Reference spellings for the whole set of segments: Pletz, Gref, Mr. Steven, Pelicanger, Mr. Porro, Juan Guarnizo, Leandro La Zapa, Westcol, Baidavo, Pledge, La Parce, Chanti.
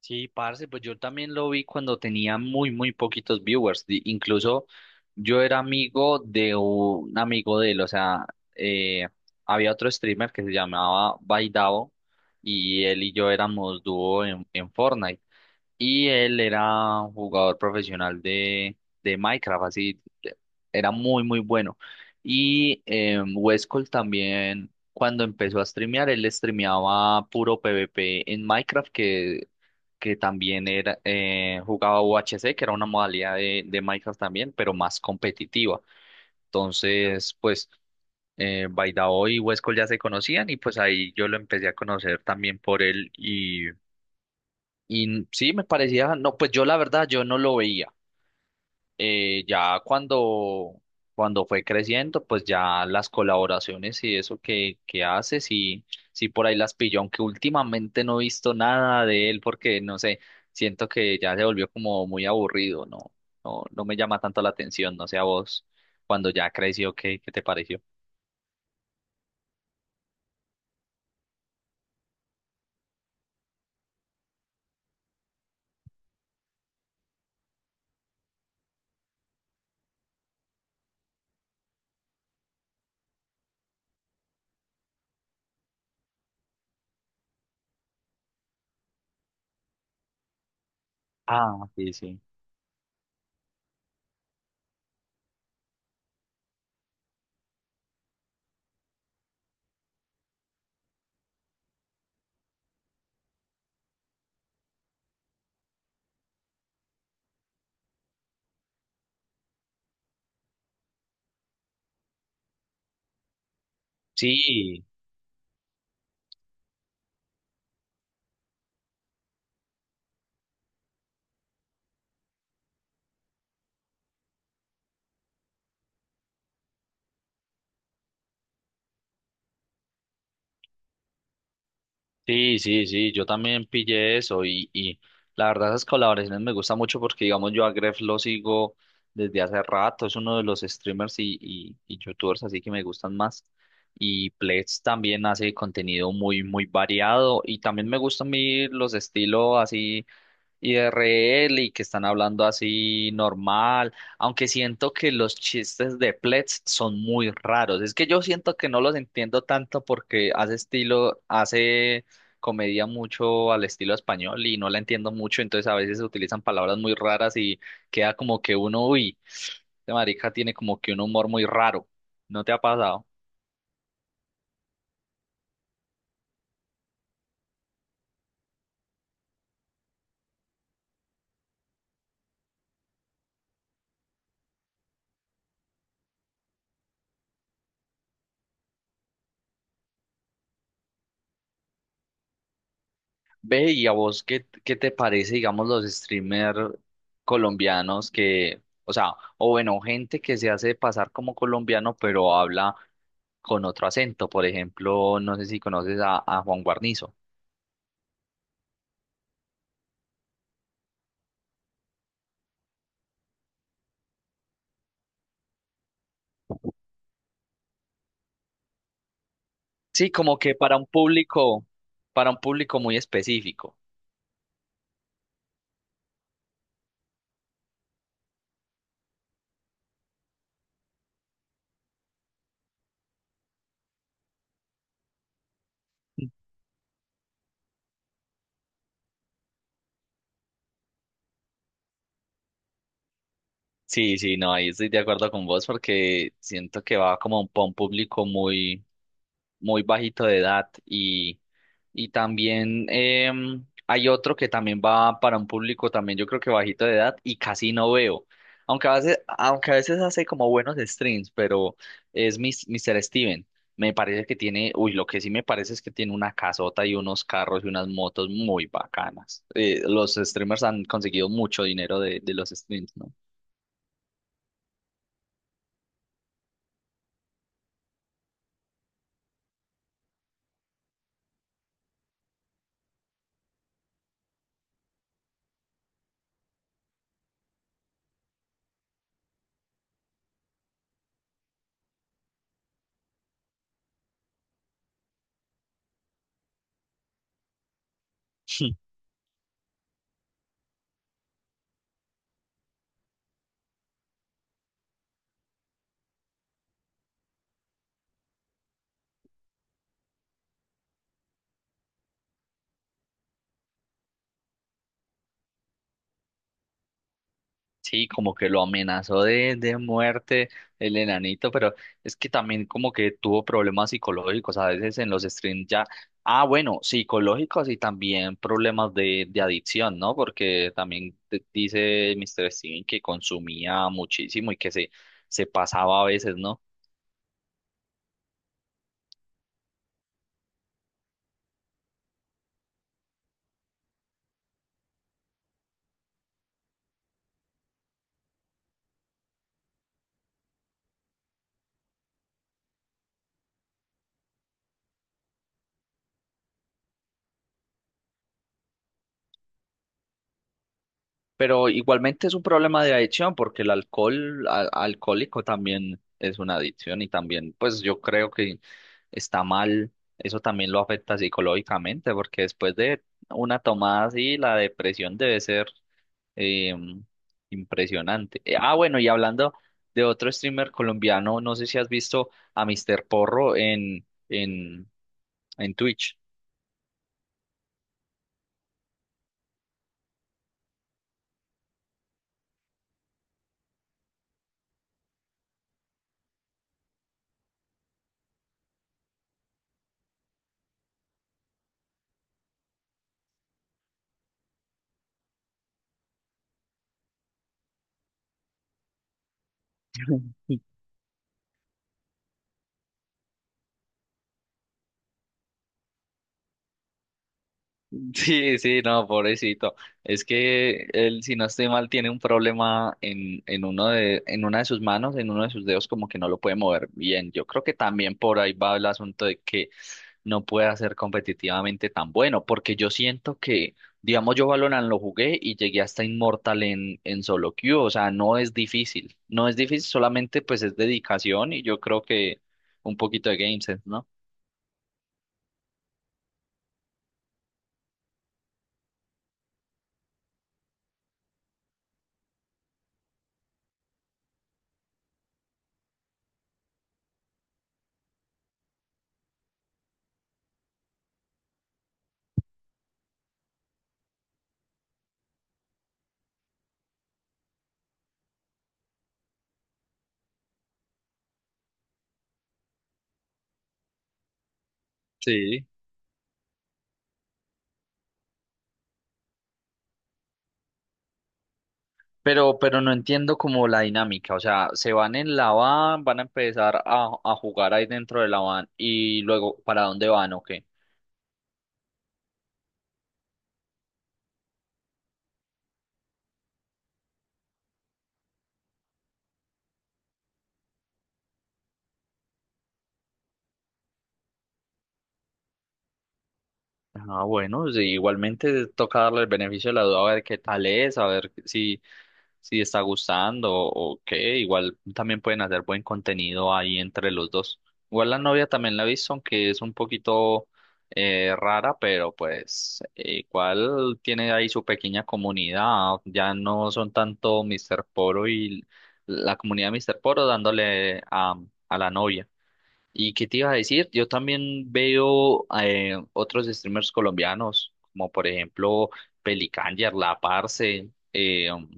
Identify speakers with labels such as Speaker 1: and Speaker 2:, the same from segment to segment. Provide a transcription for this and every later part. Speaker 1: Sí, parce, pues yo también lo vi cuando tenía muy poquitos viewers. Incluso yo era amigo de un amigo de él, o sea, eh, había otro streamer que se llamaba Baidavo y él y yo éramos dúo en Fortnite. Y él era un jugador profesional de Minecraft, era muy bueno. Y Westcol también, cuando empezó a streamear, él streameaba puro PvP en Minecraft, que también era, jugaba UHC, que era una modalidad de Minecraft también, pero más competitiva. Entonces, pues, Baidao y Westcol ya se conocían y pues ahí yo lo empecé a conocer también por él y sí, me parecía, no, pues yo la verdad, yo no lo veía. Eh, ya cuando, Cuando fue creciendo, pues ya las colaboraciones y eso que hace, sí, sí por ahí las pilló, aunque últimamente no he visto nada de él porque, no sé, siento que ya se volvió como muy aburrido, no, no me llama tanto la atención, no sé a vos, cuando ya creció, ¿ qué te pareció? Ah, sí, sí. Sí, sí, sí, sí, yo también pillé eso y la verdad esas colaboraciones me gustan mucho porque digamos yo a Gref lo sigo desde hace rato, es uno de los streamers y youtubers así que me gustan más y Pledge también hace contenido muy variado y también me gustan a mí los estilos así IRL y que están hablando así normal, aunque siento que los chistes de Pletz son muy raros. Es que yo siento que no los entiendo tanto porque hace estilo, hace comedia mucho al estilo español y no la entiendo mucho, entonces a veces se utilizan palabras muy raras y queda como que uno, uy, este marica tiene como que un humor muy raro. ¿No te ha pasado? Ve, y a vos, ¿ qué te parece, digamos, los streamers colombianos que, o sea, o bueno, gente que se hace pasar como colombiano, pero habla con otro acento? Por ejemplo, no sé si conoces a Juan Guarnizo. Sí, como que para un público muy específico. Sí, sí, no, ahí estoy de acuerdo con vos porque siento que va como para un público muy bajito de edad y también hay otro que también va para un público también yo creo que bajito de edad y casi no veo. Aunque a veces hace como buenos streams, pero Mr. Steven. Me parece que tiene, uy, lo que sí me parece es que tiene una casota y unos carros y unas motos muy bacanas. Los streamers han conseguido mucho dinero de los streams, ¿no? Sí, como que lo amenazó de muerte el enanito, pero es que también como que tuvo problemas psicológicos a veces en los streams ya. Ah, bueno, psicológicos y también problemas de adicción, ¿no? Porque también dice Mr. Steven que consumía muchísimo y que se pasaba a veces, ¿no? Pero igualmente es un problema de adicción porque el alcohol alcohólico también es una adicción y también pues yo creo que está mal, eso también lo afecta psicológicamente porque después de una tomada así la depresión debe ser eh, impresionante. Bueno, y hablando de otro streamer colombiano, no sé si has visto a Mr. Porro en Twitch. Sí, sí, no, pobrecito. Es que él, si no estoy mal, tiene un problema en uno de, en una de sus manos, en uno de sus dedos, como que no lo puede mover bien. Yo creo que también por ahí va el asunto de que no pueda ser competitivamente tan bueno, porque yo siento que, digamos, yo Valorant lo jugué y llegué hasta Inmortal en solo queue, o sea, no es difícil, no es difícil, solamente pues es dedicación y yo creo que un poquito de game sense, ¿no? Sí. Pero no entiendo como la dinámica, o sea, se van en la van, van a empezar a jugar ahí dentro de la van y luego, ¿para dónde van o Ah, bueno, sí, igualmente toca darle el beneficio de la duda a ver qué tal es, a ver si, si está gustando o qué. Igual también pueden hacer buen contenido ahí entre los dos. Igual la novia también la he visto, aunque es un poquito rara, pero pues igual tiene ahí su pequeña comunidad. Ya no son tanto Mr. Poro y la comunidad de Mr. Poro dándole a la novia. ¿Y qué te iba a decir? Yo también veo otros streamers colombianos, como por ejemplo Pelicanger, La Parce,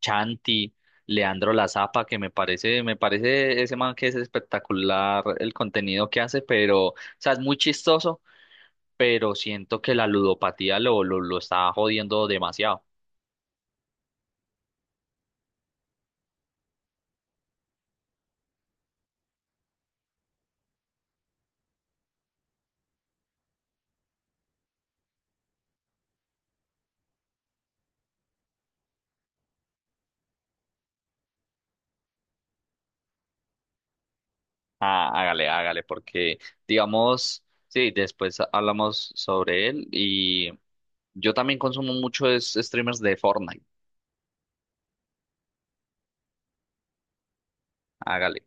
Speaker 1: Chanti, Leandro La Zapa, que me parece ese man que es espectacular el contenido que hace, pero, o sea, es muy chistoso, pero siento que la ludopatía lo está jodiendo demasiado. Ah, hágale, hágale, porque digamos, sí, después hablamos sobre él y yo también consumo muchos streamers de Fortnite. Hágale.